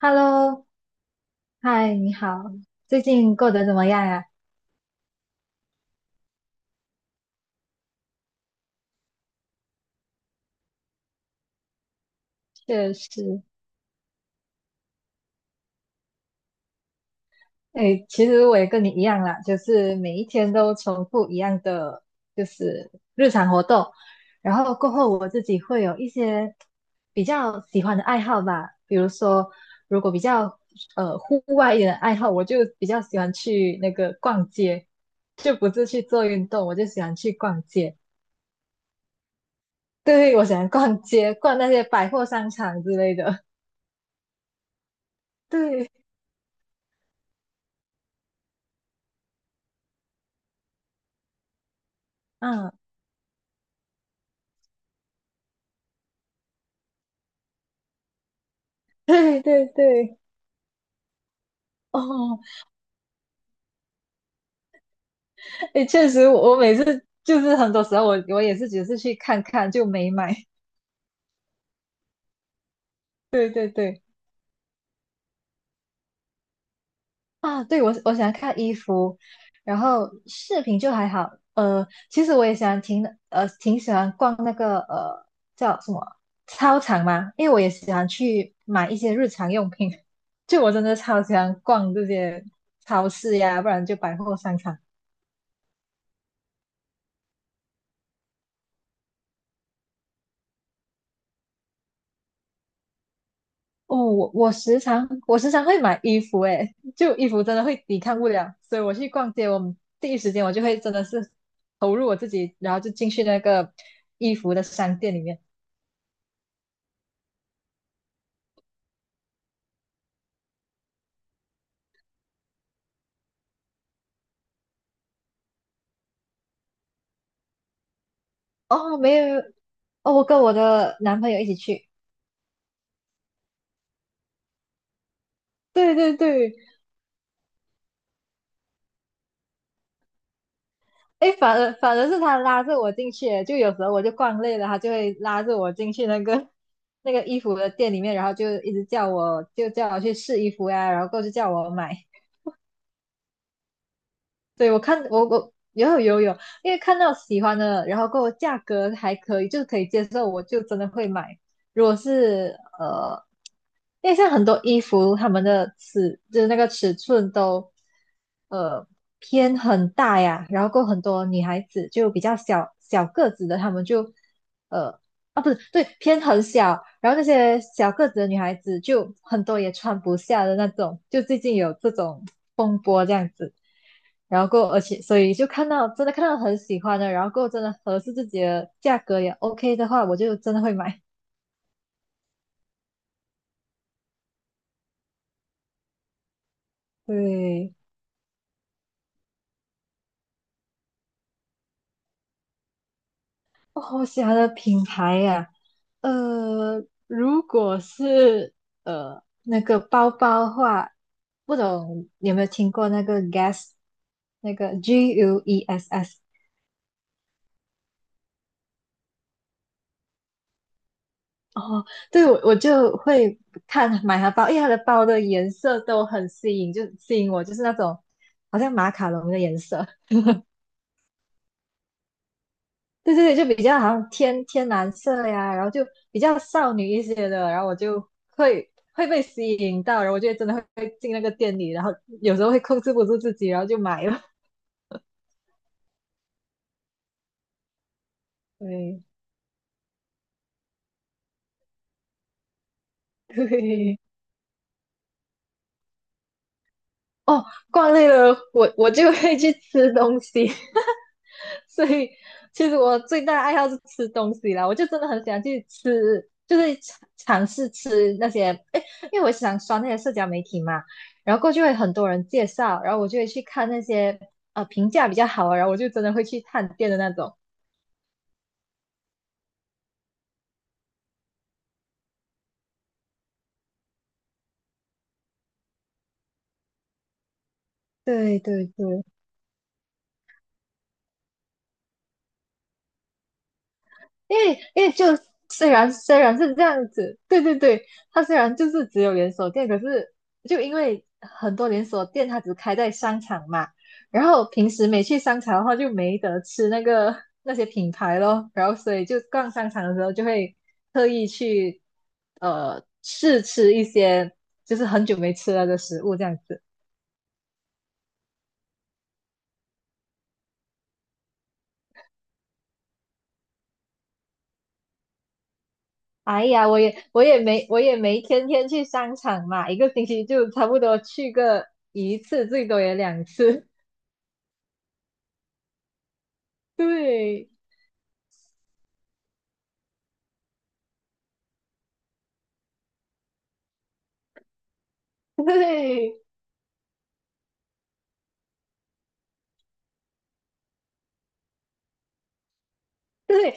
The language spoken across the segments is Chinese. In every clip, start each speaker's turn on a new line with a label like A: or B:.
A: Hello,嗨，你好，最近过得怎么样呀？确实，哎，其实我也跟你一样啦，就是每一天都重复一样的，就是日常活动。然后过后我自己会有一些比较喜欢的爱好吧，比如说，如果比较户外一点的爱好，我就比较喜欢去那个逛街，就不是去做运动，我就喜欢去逛街。对，我喜欢逛街，逛那些百货商场之类的。对。嗯 对对对，哦，哎，确实我，我每次就是很多时候我也是只是去看看就没买。对对对，啊，对我喜欢看衣服，然后视频就还好。其实我也喜欢挺喜欢逛那个叫什么操场嘛，因为我也喜欢去买一些日常用品。就我真的超喜欢逛这些超市呀，不然就百货商场。哦，我时常会买衣服，诶，就衣服真的会抵抗不了，所以我去逛街，第一时间我就会真的是投入我自己，然后就进去那个衣服的商店里面。哦，没有，哦，我跟我的男朋友一起去，对对对，诶，反而是他拉着我进去诶就有时候我就逛累了，他就会拉着我进去那个 那个衣服的店里面，然后就一直叫我去试衣服呀，然后过后就叫我买。对，我看我我有有有，因为看到喜欢的，然后跟我价格还可以，就是可以接受，我就真的会买。如果是呃，因为像很多衣服，他们的尺就是那个尺寸都呃偏很大呀，然后过后很多女孩子就比较小个子的，她们就呃啊不是对偏很小，然后那些小个子的女孩子就很多也穿不下的那种，就最近有这种然后过而且所以就看到真的看到很喜欢的，然后过真的合适自己的价格也 OK 的话，我就真的会买。对，哦，我喜欢的品牌呀、如果是那个包包的话，不懂你有没有听过那个 Guess 那个 GUESS。哦，对，我我就会看买它包，因为它的包的颜色都很吸引，就吸引我，就是那种好像马卡龙的颜色。对对对，就比较好像天天蓝色呀，然后就比较少女一些的，然后我就会被吸引到，然后我就真的会进那个店里，然后有时候会控制不住自己，然后就买了。对对，哦，逛累了，我就会去吃东西。所以其实我最大的爱好是吃东西啦，我就真的很喜欢去吃，就是尝试吃那些，哎，因为我想刷那些社交媒体嘛，然后过去会很多人介绍，然后我就会去看那些评价比较好啊，然后我就真的会去探店的那种。对对对，因为就虽然是这样子，对对对，它虽然就是只有连锁店，可是就因为很多连锁店它只开在商场嘛，然后平时没去商场的话就没得吃那个那些品牌咯，然后所以就逛商场的时候就会特意去试吃一些就是很久没吃了的食物这样子。哎呀，我也没天天去商场嘛，一个星期就差不多去个一次，最多也两次。对对对，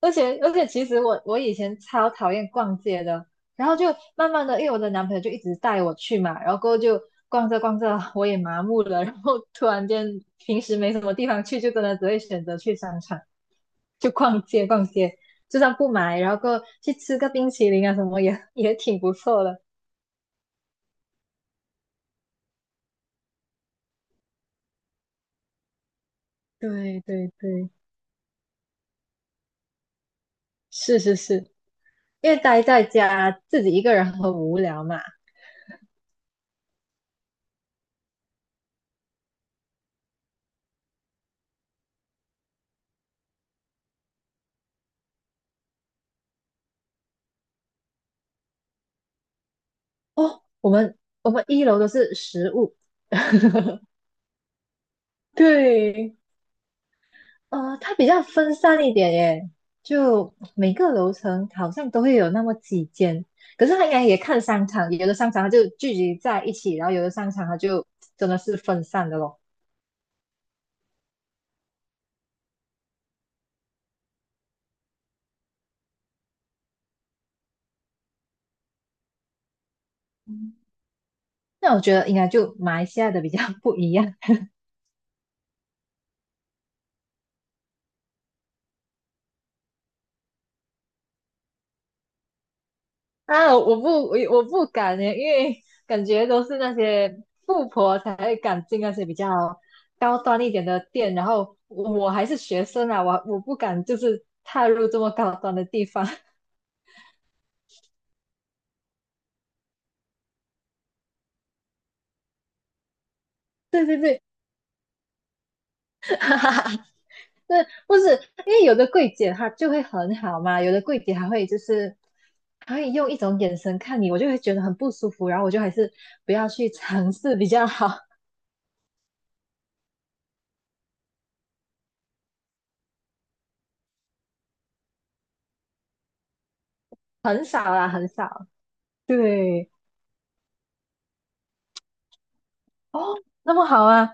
A: 而且,其实我以前超讨厌逛街的，然后就慢慢的，因为我的男朋友就一直带我去嘛，然后过后就逛着逛着，我也麻木了，然后突然间平时没什么地方去，就真的只会选择去商场，就逛街，就算不买，然后过后去吃个冰淇淋啊什么也也挺不错的。对对对，是是是，因为待在家自己一个人很无聊嘛。哦，我们一楼都是食物，对，呃，它比较分散一点耶，就每个楼层好像都会有那么几间，可是它应该也看商场，有的商场它就聚集在一起，然后有的商场它就真的是分散的咯。嗯那我觉得应该就马来西亚的比较不一样，啊，我不敢耶，因为感觉都是那些富婆才会敢进那些比较高端一点的店，然后我还是学生啊，我不敢就是踏入这么高端的地方。对对对，哈哈哈，对，不是，因为有的柜姐她就会很好嘛，有的柜姐还会用一种眼神看你，我就会觉得很不舒服，然后我就还是不要去尝试比较好，很少啦，很少。对，哦，那么好啊，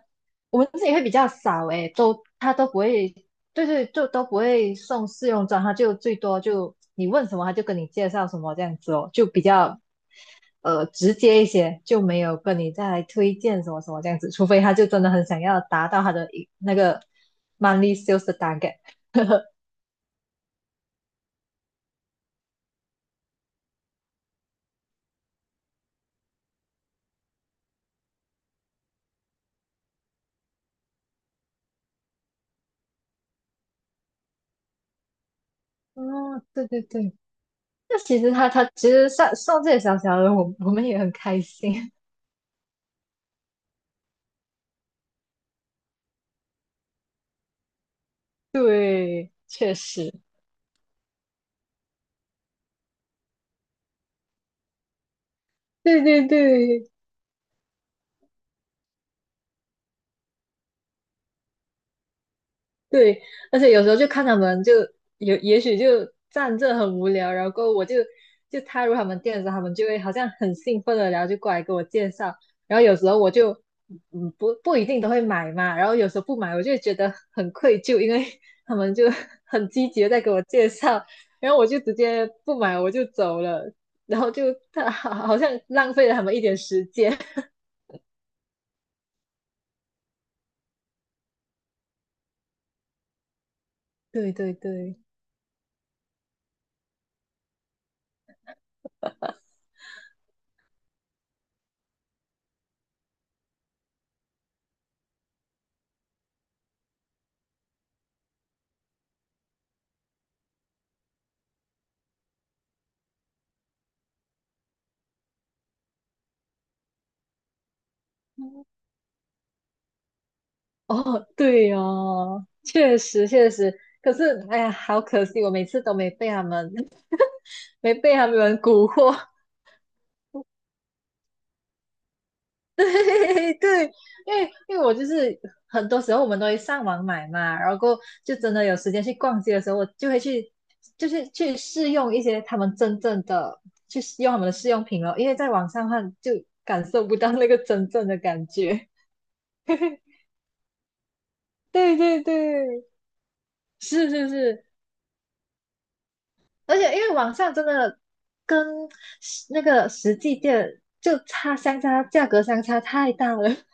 A: 我们自己会比较少诶，都他都不会，对对，就都不会送试用装，他就最多就你问什么，他就跟你介绍什么这样子哦，就比较直接一些，就没有跟你再来推荐什么什么这样子，除非他就真的很想要达到他的一那个 money sales 的 target。哦，对对对，那其实他其实上送这些小小的，我们也很开心。对，确实，对对对，对，而且有时候就看他们就有，也许就站这很无聊，然后就踏入他们店的时候，他们就会好像很兴奋的，然后就过来给我介绍，然后有时候我就不一定都会买嘛，然后有时候不买，我就会觉得很愧疚，因为他们就 很积极的在给我介绍，然后我就直接不买我就走了，然后就 他好好像浪费了他们一点时间。对对对。哦，对哦，确实确实，可是哎呀，好可惜，我每次都没被他们，没被他们蛊惑。对对，因为我就是很多时候我们都会上网买嘛，然后就真的有时间去逛街的时候，我就会去，就是去试用一些他们真正的，去试用他们的试用品哦，因为在网上看就感受不到那个真正的感觉。对对对，是是是，而且因为网上真的跟那个实际店相差，价格相差太大了。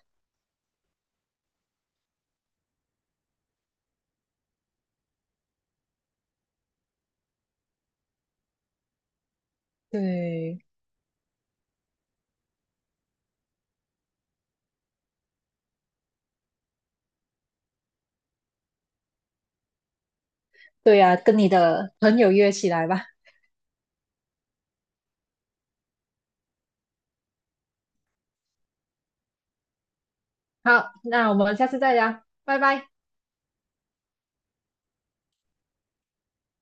A: 对，对呀、跟你的朋友约起来吧。好，那我们下次再聊，拜拜。